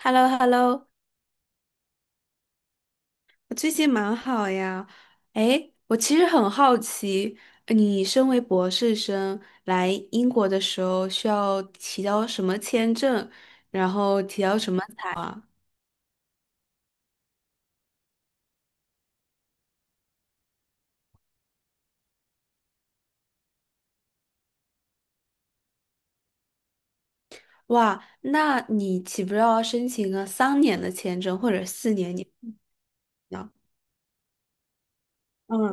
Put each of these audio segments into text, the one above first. h e l l o h e l l o 我最近蛮好呀。哎，我其实很好奇，你身为博士生来英国的时候需要提交什么签证，然后提交什么材啊？哇，那你岂不是要申请个三年的签证或者四年你呢？嗯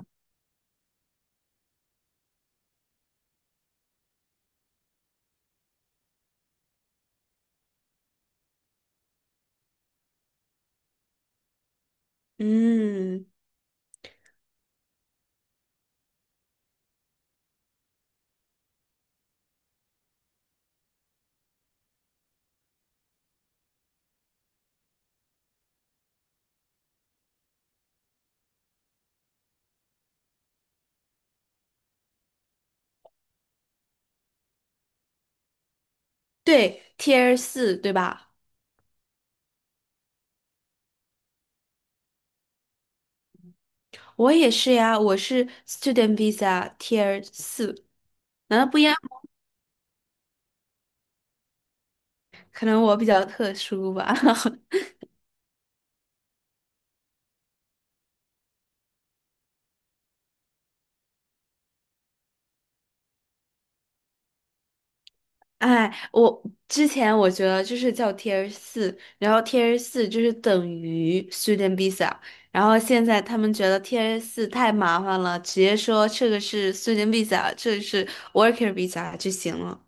嗯，对，Tier 四对吧？我也是呀，我是 Student Visa Tier 四，难道不一样？可能我比较特殊吧。哎，我之前觉得就是叫 Tier 四，然后 Tier 四就是等于 Student Visa,然后现在他们觉得 Tier 四太麻烦了，直接说这个是 Student Visa,这个是 Worker Visa 就行了。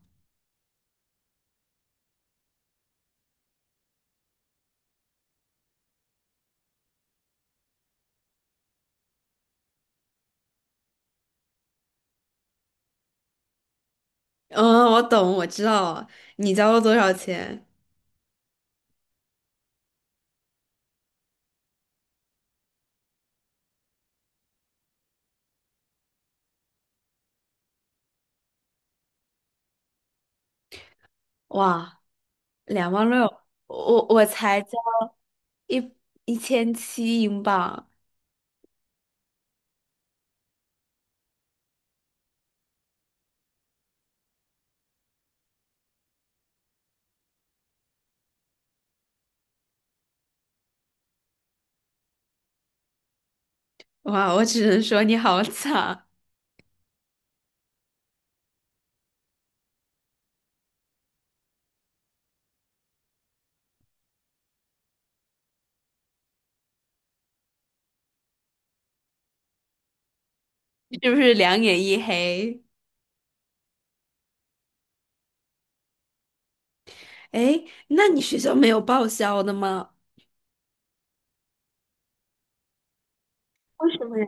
嗯，我懂，我知道了。你交了多少钱？哇，两万六，我才交一一千七英镑。哇，我只能说你好惨，是不是两眼一黑？哎，那你学校没有报销的吗？为什么呀？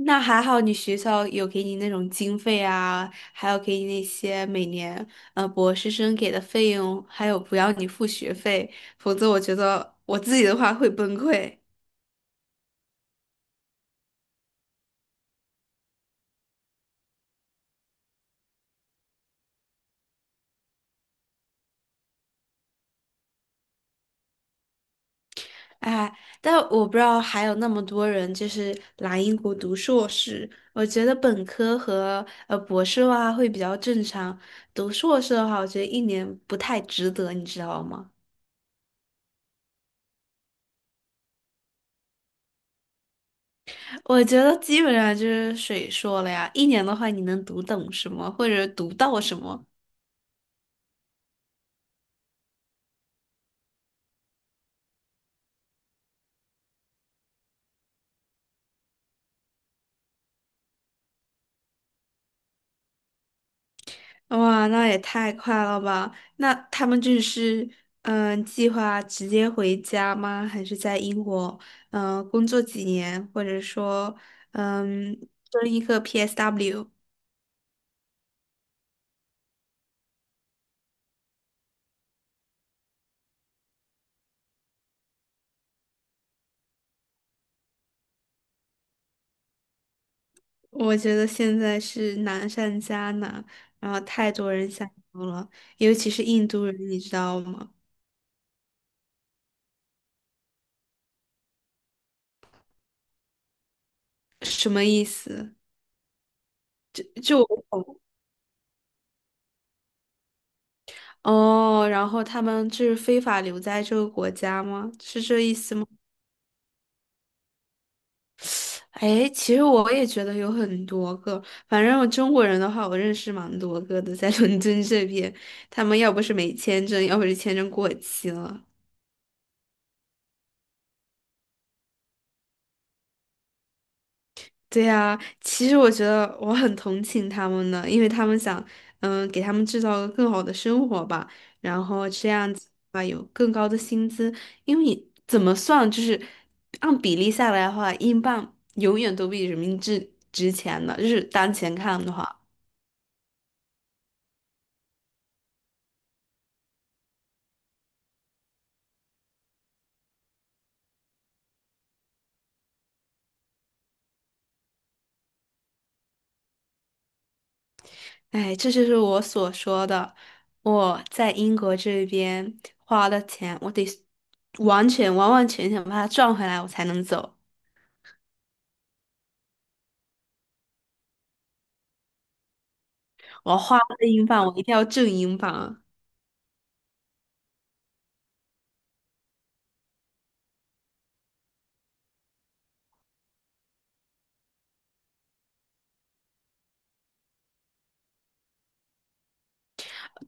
那还好，你学校有给你那种经费啊，还有给你那些每年博士生给的费用，还有不要你付学费，否则我觉得我自己的话会崩溃。哎，但我不知道还有那么多人就是来英国读硕士，我觉得本科和博士的话会比较正常，读硕士的话，我觉得一年不太值得，你知道吗？我觉得基本上就是水说了呀，一年的话你能读懂什么，或者读到什么？哇，那也太快了吧！那他们就是嗯，计划直接回家吗？还是在英国嗯工作几年，或者说嗯争一个 PSW?我觉得现在是难上加难，然后太多人想读了，尤其是印度人，你知道吗？什么意思？就我。哦，然后他们就是非法留在这个国家吗？是这意思吗？哎，其实我也觉得有很多个，反正我中国人的话，我认识蛮多个的，在伦敦这边，他们要不是没签证，要不是签证过期了。对呀，其实我觉得我很同情他们呢，因为他们想，嗯，给他们制造更好的生活吧，然后这样子啊，有更高的薪资，因为你怎么算，就是按比例下来的话，英镑永远都比人民币值钱的，就是当前看的话，哎，这就是我所说的，我在英国这边花的钱，我得完全完完全全把它赚回来，我才能走，我花了英镑，我一定要挣英镑啊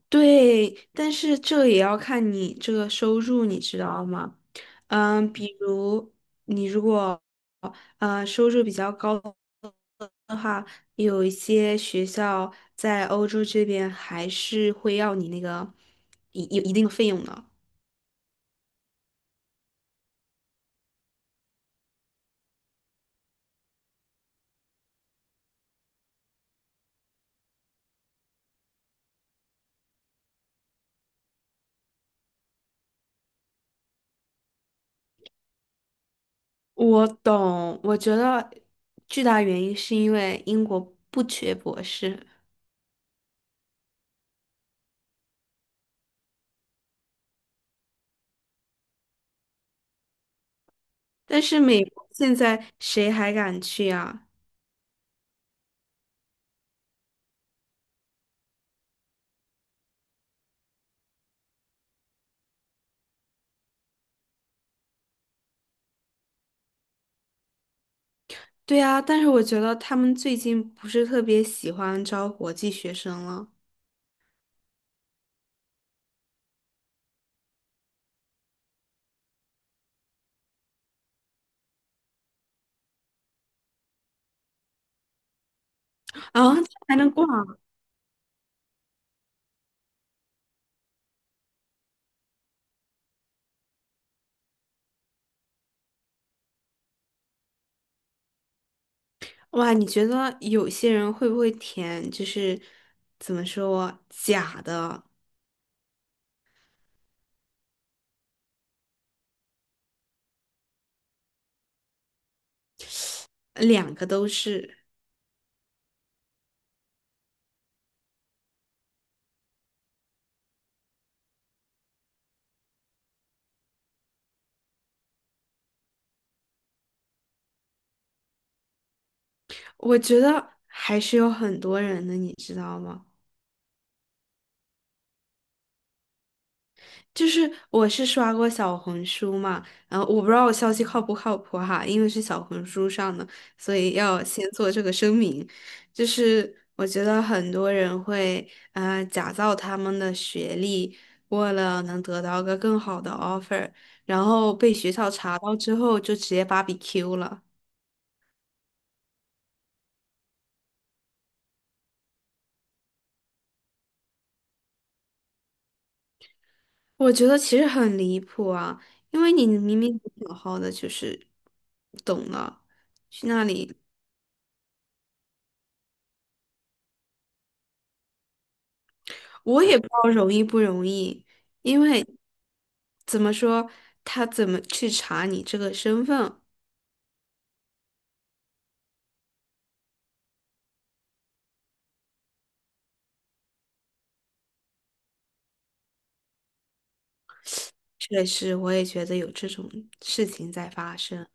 对，但是这也要看你这个收入，你知道吗？嗯，比如你如果收入比较高的话，有一些学校在欧洲这边还是会要你那个一有一定的费用的。我懂，我觉得巨大原因是因为英国不缺博士，但是美国现在谁还敢去啊？对啊，但是我觉得他们最近不是特别喜欢招国际学生了啊，这还能挂？哇，你觉得有些人会不会填就是怎么说假的，两个都是？我觉得还是有很多人的，你知道吗？就是我是刷过小红书嘛，然后我不知道我消息靠不靠谱哈，因为是小红书上的，所以要先做这个声明。就是我觉得很多人会假造他们的学历，为了能得到个更好的 offer,然后被学校查到之后就直接 b 比 q 了。我觉得其实很离谱啊，因为你明明好好的就是懂了，去那里。我也不知道容易不容易，因为怎么说，他怎么去查你这个身份，确实我也觉得有这种事情在发生。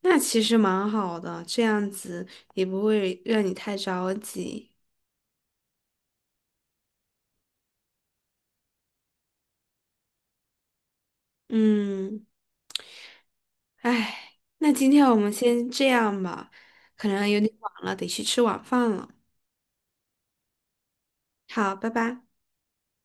那其实蛮好的，这样子也不会让你太着急。嗯，哎，那今天我们先这样吧，可能有点晚了，得去吃晚饭了。好，拜拜。